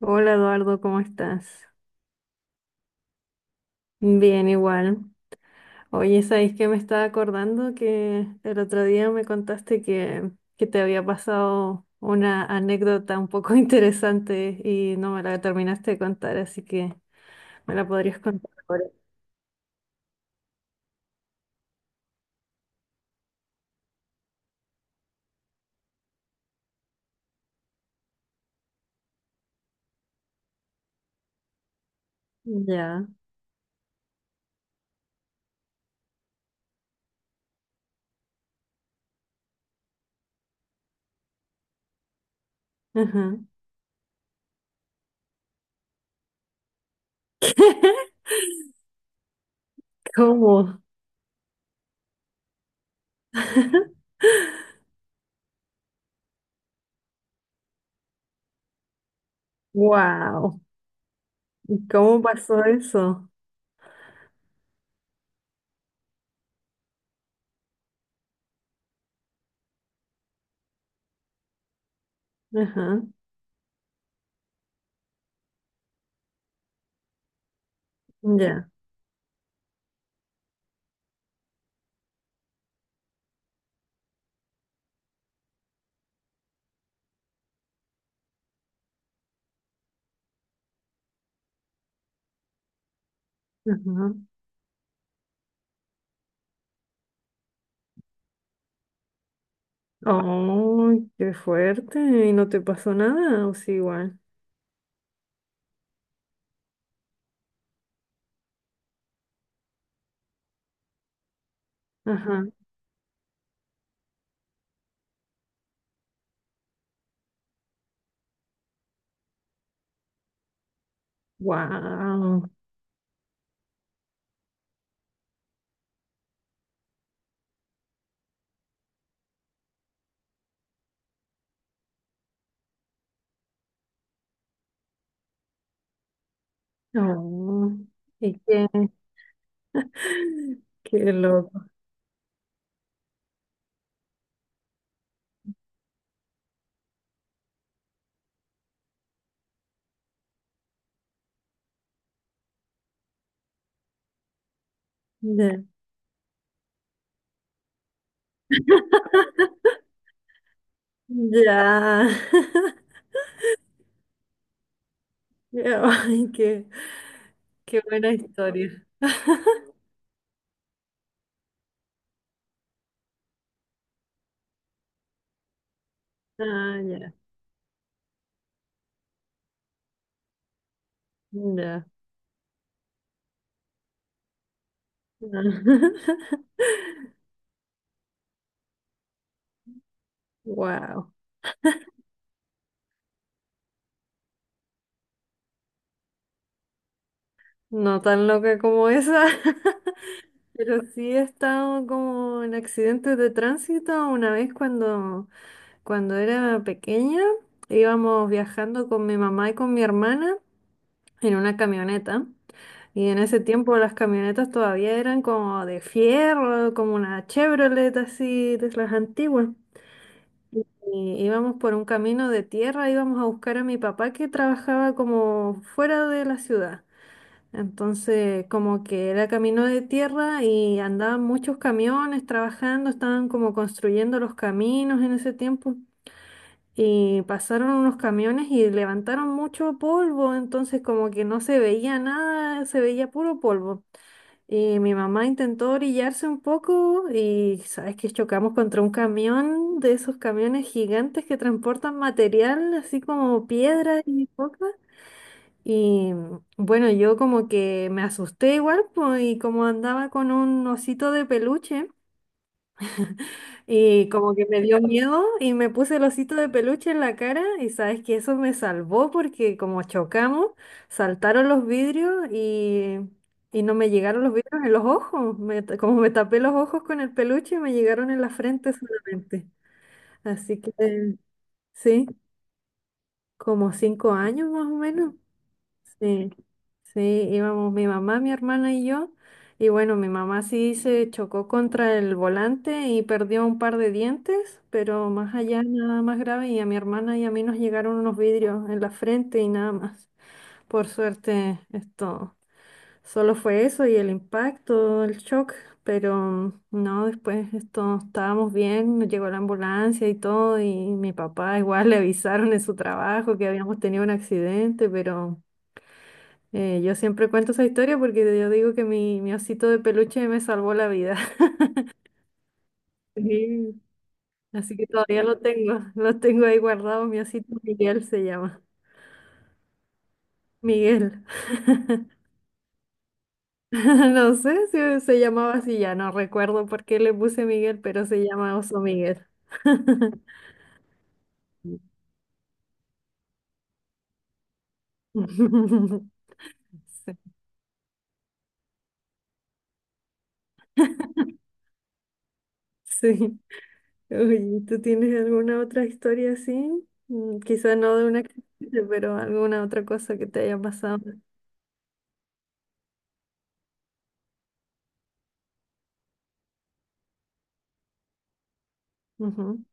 Hola Eduardo, ¿cómo estás? Bien, igual. Oye, ¿sabes que me estaba acordando? Que el otro día me contaste que te había pasado una anécdota un poco interesante y no me la terminaste de contar, así que me la podrías contar ahora. Ya. Ajá. ¿Cómo? Wow. ¿Cómo pasó eso? Ajá. Ya. Ajá. Oh, qué fuerte. ¿Y no te pasó nada? O sí, igual. Ajá. Wow, no, ¿y que, qué loco. Ya, ya, Ya, ay, qué buena historia. Ah, ya, ya. Wow, no tan loca como esa, pero sí he estado como en accidentes de tránsito una vez cuando era pequeña, íbamos viajando con mi mamá y con mi hermana en una camioneta. Y en ese tiempo las camionetas todavía eran como de fierro, como una Chevrolet así de las antiguas. Y íbamos por un camino de tierra, íbamos a buscar a mi papá que trabajaba como fuera de la ciudad. Entonces, como que era camino de tierra y andaban muchos camiones trabajando, estaban como construyendo los caminos en ese tiempo. Y pasaron unos camiones y levantaron mucho polvo, entonces como que no se veía nada, se veía puro polvo. Y mi mamá intentó orillarse un poco y sabes que chocamos contra un camión de esos camiones gigantes que transportan material, así como piedras y cosas. Y bueno, yo como que me asusté igual, pues, y como andaba con un osito de peluche. Y como que me dio miedo y me puse el osito de peluche en la cara y sabes que eso me salvó porque como chocamos, saltaron los vidrios y no me llegaron los vidrios en los ojos. Me ta- como me tapé los ojos con el peluche, me llegaron en la frente solamente. Así que sí, como 5 años más o menos. Sí, sí, íbamos mi mamá, mi hermana y yo. Y bueno, mi mamá sí se chocó contra el volante y perdió un par de dientes, pero más allá nada más grave. Y a mi hermana y a mí nos llegaron unos vidrios en la frente y nada más. Por suerte, esto solo fue eso y el impacto, el shock, pero no, después esto estábamos bien, llegó la ambulancia y todo, y mi papá igual le avisaron en su trabajo que habíamos tenido un accidente, pero... yo siempre cuento esa historia porque yo digo que mi osito de peluche me salvó la vida. Sí. Así que todavía lo tengo, lo tengo ahí guardado, mi osito Miguel se llama. Miguel. No sé si se llamaba así, ya no recuerdo por qué le puse Miguel, pero se llama Oso Miguel. Sí. Sí. Oye, ¿tú tienes alguna otra historia así? Quizá no de una accidente, pero alguna otra cosa que te haya pasado. Ujú,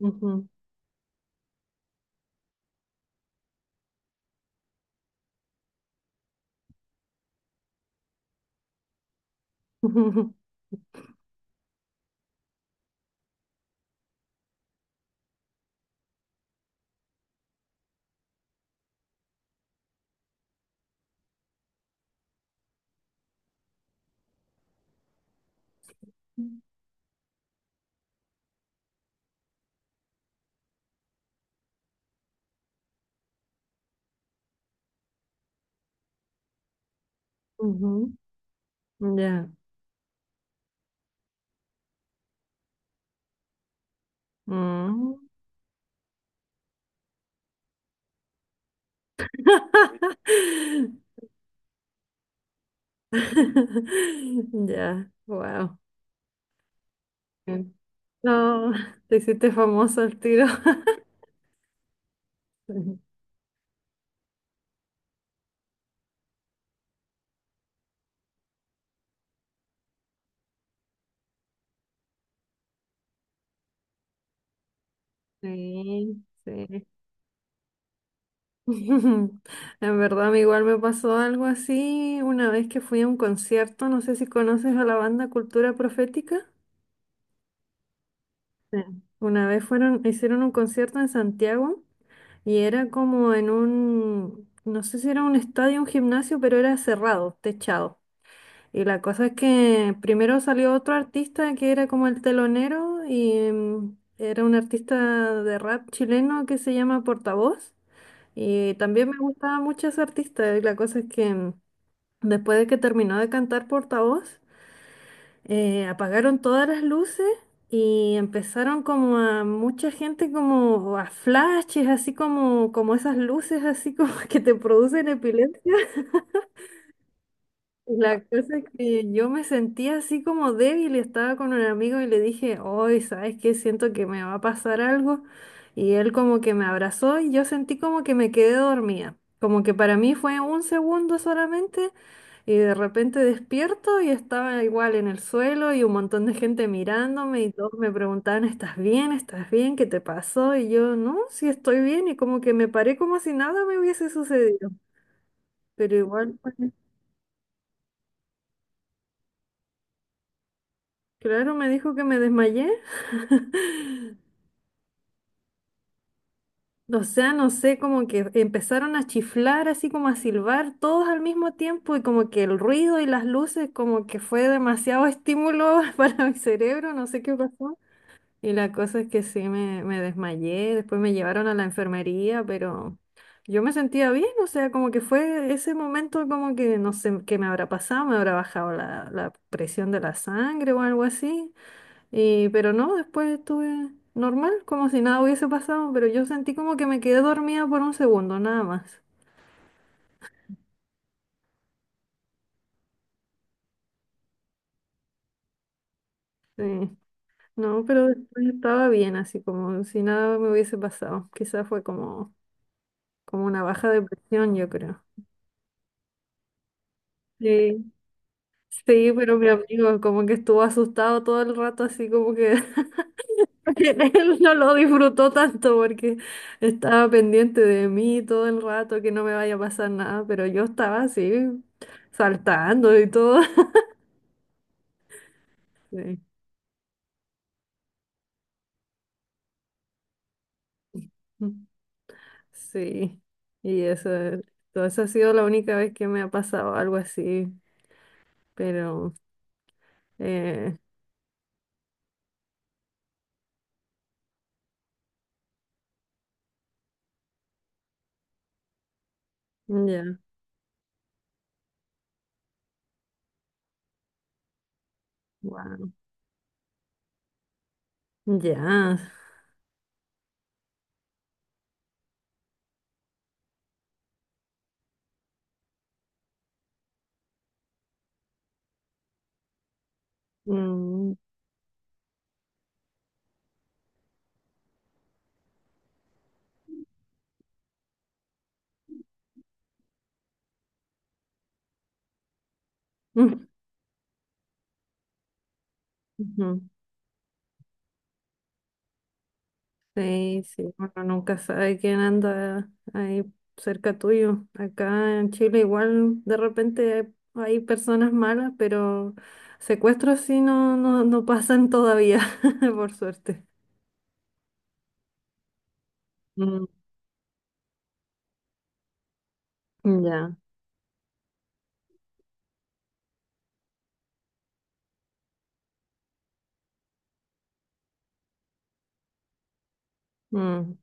ujú. Ujú, ujú, ya. Mm. Ya, wow. No, te hiciste famoso al tiro. Sí, sí. En verdad, a mí igual me pasó algo así una vez que fui a un concierto. No sé si conoces a la banda Cultura Profética. Sí. Una vez fueron, hicieron un concierto en Santiago. Y era como en un, no sé si era un estadio, un gimnasio, pero era cerrado, techado. Y la cosa es que primero salió otro artista que era como el telonero y era un artista de rap chileno que se llama Portavoz. Y también me gustaba mucho ese artista. Y la cosa es que después de que terminó de cantar Portavoz, apagaron todas las luces y empezaron como a mucha gente como a flashes, así como, como esas luces así como que te producen epilepsia. La cosa es que yo me sentía así como débil y estaba con un amigo y le dije, hoy, ¿sabes qué? Siento que me va a pasar algo. Y él como que me abrazó y yo sentí como que me quedé dormida. Como que para mí fue un segundo solamente y de repente despierto y estaba igual en el suelo y un montón de gente mirándome y todos me preguntaban, ¿estás bien? ¿Estás bien? ¿Qué te pasó? Y yo, no, sí estoy bien y como que me paré como si nada me hubiese sucedido. Pero igual... fue. Claro, me dijo que me desmayé. O sea, no sé, como que empezaron a chiflar, así como a silbar todos al mismo tiempo y como que el ruido y las luces, como que fue demasiado estímulo para mi cerebro, no sé qué pasó. Y la cosa es que sí, me desmayé, después me llevaron a la enfermería, pero yo me sentía bien, o sea, como que fue ese momento como que no sé qué me habrá pasado, me habrá bajado la presión de la sangre o algo así. Y, pero no, después estuve normal, como si nada hubiese pasado, pero yo sentí como que me quedé dormida por un segundo, nada más. Sí. No, pero después estaba bien, así como si nada me hubiese pasado. Quizás fue como, como una baja depresión, yo creo. Sí. Sí, pero mi amigo como que estuvo asustado todo el rato, así como que él no lo disfrutó tanto porque estaba pendiente de mí todo el rato, que no me vaya a pasar nada, pero yo estaba así saltando y todo. Sí, sí. Y eso, todo eso ha sido la única vez que me ha pasado algo así, pero eh, ya, wow, ya. Mm, mm, ujú. Sí, sí, uno nunca sabe quién anda ahí cerca tuyo. Acá en Chile igual de repente hay personas malas, pero secuestros sí no, no, no pasan todavía, por suerte. Mm, ya. Mm,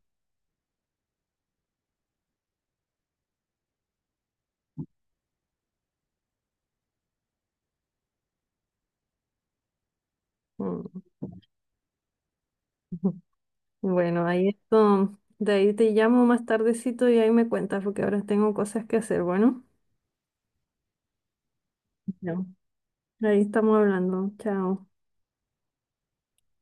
mm. Bueno, ahí esto, de ahí te llamo más tardecito y ahí me cuentas porque ahora tengo cosas que hacer. Bueno, no. Ahí estamos hablando. Chao.